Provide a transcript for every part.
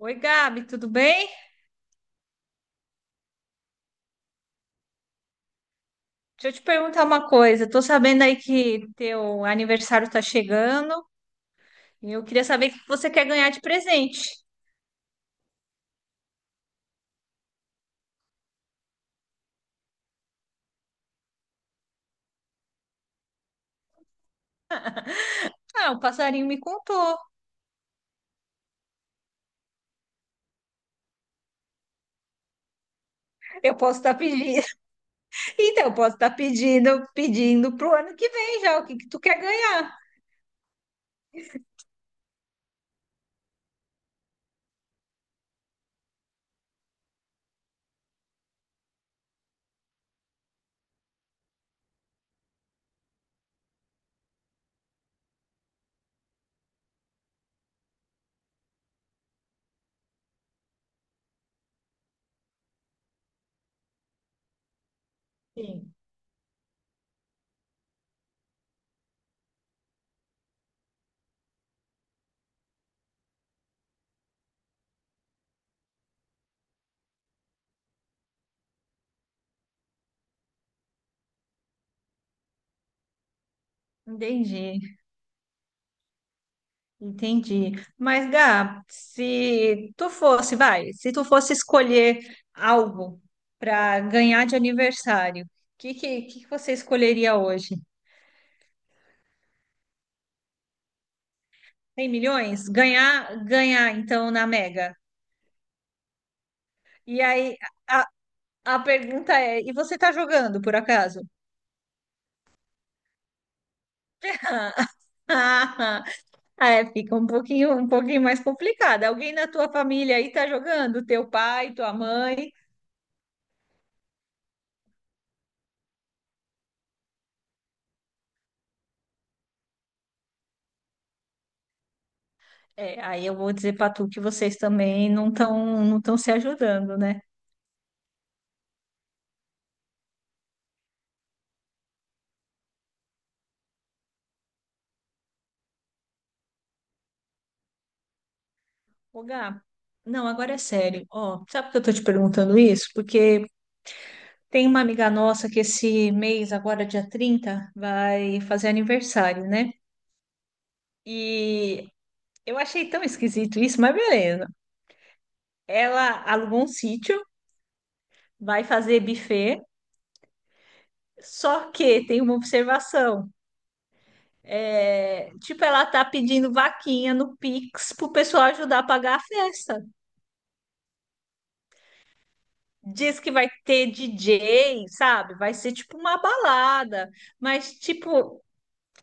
Oi, Gabi, tudo bem? Deixa eu te perguntar uma coisa. Tô sabendo aí que teu aniversário tá chegando e eu queria saber o que você quer ganhar de presente. Ah, o passarinho me contou. Eu posso estar pedindo. Então, eu posso estar pedindo, pedindo pro ano que vem já o que que tu quer ganhar. Sim. Entendi, entendi. Mas, Gab, se tu fosse, vai, se tu fosse escolher algo para ganhar de aniversário, o que que você escolheria hoje? 100 milhões? Ganhar, ganhar, então, na Mega. E aí, a, a pergunta é, e você tá jogando, por acaso? É, fica um pouquinho mais complicado. Alguém na tua família aí tá jogando? Teu pai, tua mãe? É, aí eu vou dizer pra tu que vocês também não estão se ajudando, né? Ô, Gá, não, agora é sério. Ó, sabe por que eu tô te perguntando isso? Porque tem uma amiga nossa que esse mês, agora dia 30 vai fazer aniversário, né? E eu achei tão esquisito isso, mas beleza. Ela alugou um sítio, vai fazer buffet, só que tem uma observação. É, tipo, ela tá pedindo vaquinha no Pix pro pessoal ajudar a pagar a festa. Diz que vai ter DJ, sabe? Vai ser tipo uma balada, mas tipo,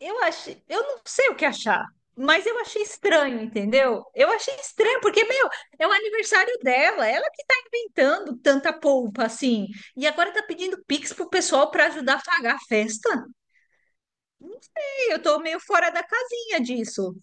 eu achei, eu não sei o que achar, mas eu achei estranho, entendeu? Eu achei estranho, porque, meu, é o aniversário dela, ela que tá inventando tanta polpa assim, e agora tá pedindo Pix pro pessoal pra ajudar a pagar a festa. E eu tô meio fora da casinha disso.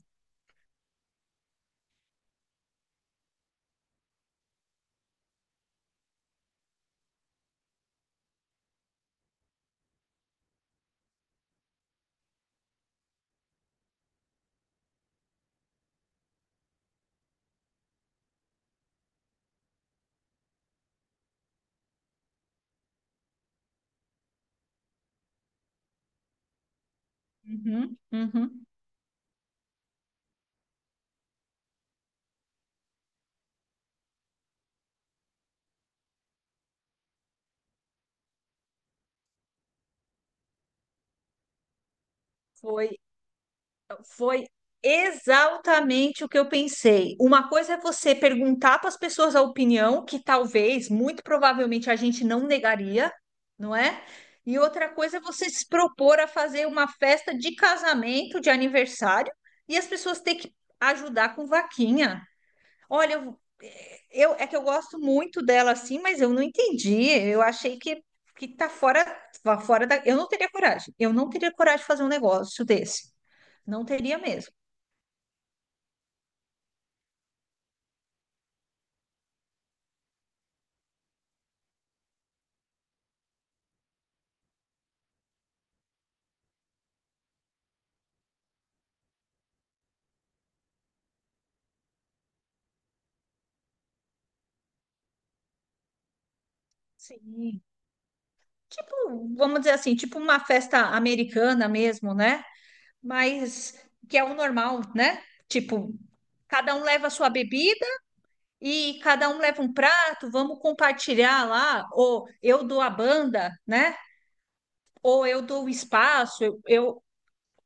Uhum, uhum. Foi Foi exatamente o que eu pensei. Uma coisa é você perguntar para as pessoas a opinião, que talvez, muito provavelmente, a gente não negaria, não é? E outra coisa é você se propor a fazer uma festa de casamento, de aniversário, e as pessoas ter que ajudar com vaquinha. Olha, eu, é que eu gosto muito dela assim, mas eu não entendi. Eu achei que tá fora da. Eu não teria coragem. Eu não teria coragem de fazer um negócio desse. Não teria mesmo. Sim. Tipo, vamos dizer assim, tipo uma festa americana mesmo, né? Mas que é o normal, né? Tipo, cada um leva a sua bebida e cada um leva um prato, vamos compartilhar lá, ou eu dou a banda, né? Ou eu dou o espaço,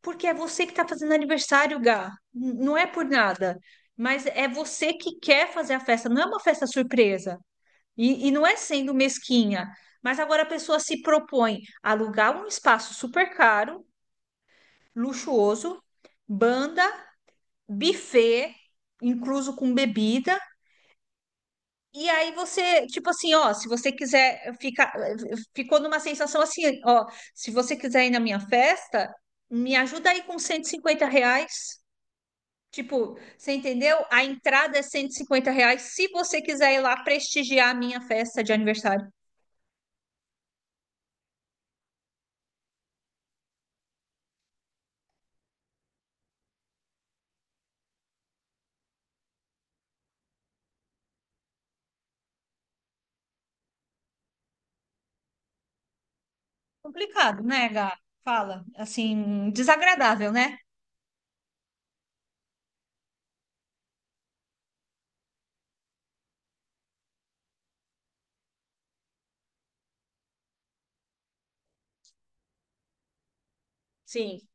porque é você que está fazendo aniversário, Gá. Não é por nada, mas é você que quer fazer a festa, não é uma festa surpresa. E não é sendo mesquinha, mas agora a pessoa se propõe a alugar um espaço super caro, luxuoso, banda, buffet, incluso com bebida. E aí você, tipo assim, ó, se você quiser ficar, ficou numa sensação assim, ó, se você quiser ir na minha festa, me ajuda aí com R$ 150. Tipo, você entendeu? A entrada é R$ 150 se você quiser ir lá prestigiar a minha festa de aniversário. Complicado, né, Gá? Fala, assim, desagradável, né? Sim,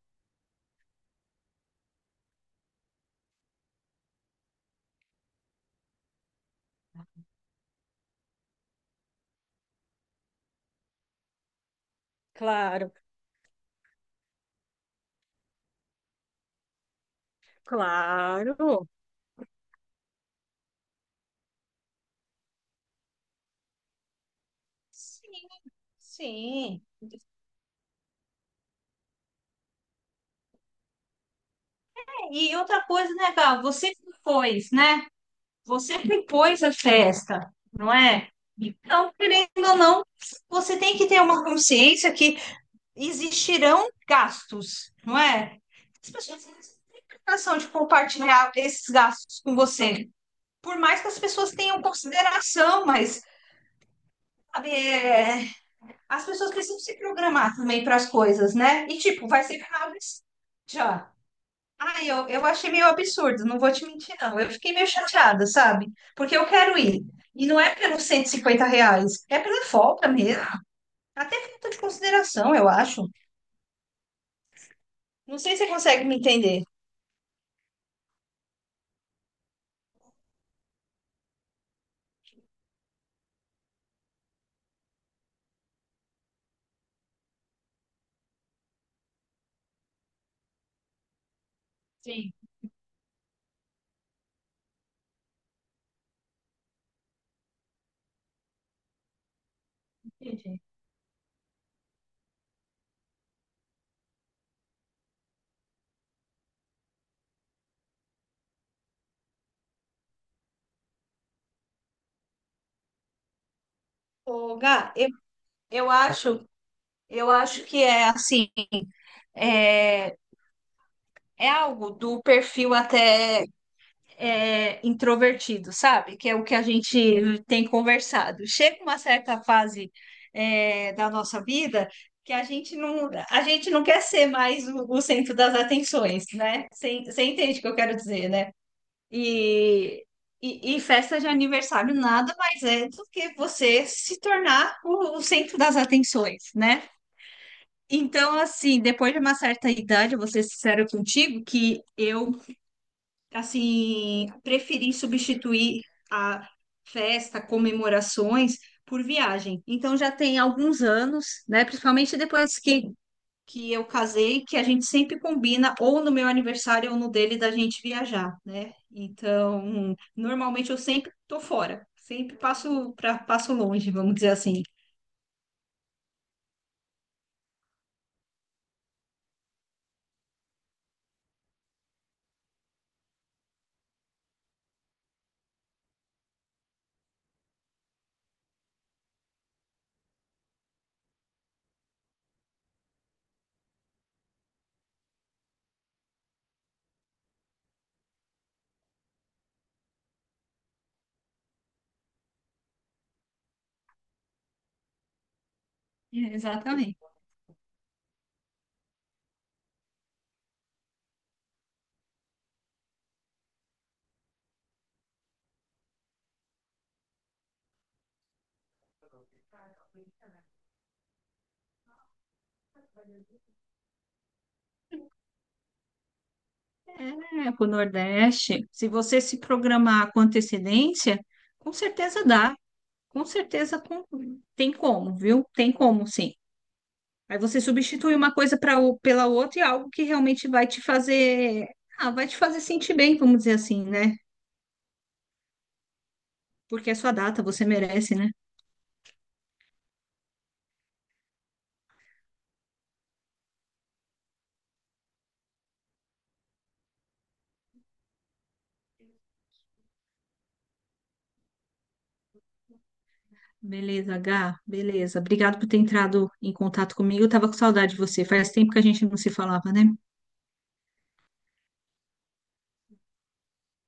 claro, claro. Sim, sim. E outra coisa, né, Gá? Você que né? Você que pôs a festa, não é? Então, querendo ou não, você tem que ter uma consciência que existirão gastos, não é? As pessoas não têm obrigação de compartilhar esses gastos com você. Por mais que as pessoas tenham consideração, mas sabe, é, as pessoas precisam se programar também para as coisas, né? E tipo, vai ser final desse- já. Ah, eu achei meio absurdo, não vou te mentir, não. Eu fiquei meio chateada, sabe? Porque eu quero ir. E não é pelos R$ 150, é pela falta mesmo. Tá Até falta de consideração, eu acho. Não sei se você consegue me entender. Sim, entendi. Ô, Gá, eu acho, eu acho que é assim, é, é algo do perfil até. Introvertido, sabe? Que é o que a gente tem conversado. Chega uma certa fase, da nossa vida que a gente não quer ser mais o centro das atenções, né? Você entende o que eu quero dizer, né? E, e festa de aniversário nada mais é do que você se tornar o centro das atenções, né? Então, assim, depois de uma certa idade, eu vou ser sincera contigo, que eu assim, preferi substituir a festa, comemorações por viagem. Então já tem alguns anos, né, principalmente depois que eu casei, que a gente sempre combina ou no meu aniversário ou no dele da gente viajar, né? Então, normalmente eu sempre tô fora, sempre passo para passo longe, vamos dizer assim. É, exatamente. É, para o Nordeste, se você se programar com antecedência, com certeza dá. Com certeza com- tem como, viu? Tem como, sim. Aí você substitui uma coisa para pela outra e algo que realmente vai te fazer, vai te fazer sentir bem, vamos dizer assim, né? Porque é sua data, você merece, né? Beleza, Gá, beleza. Obrigado por ter entrado em contato comigo. Eu tava com saudade de você. Faz tempo que a gente não se falava, né?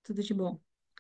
Tudo de bom.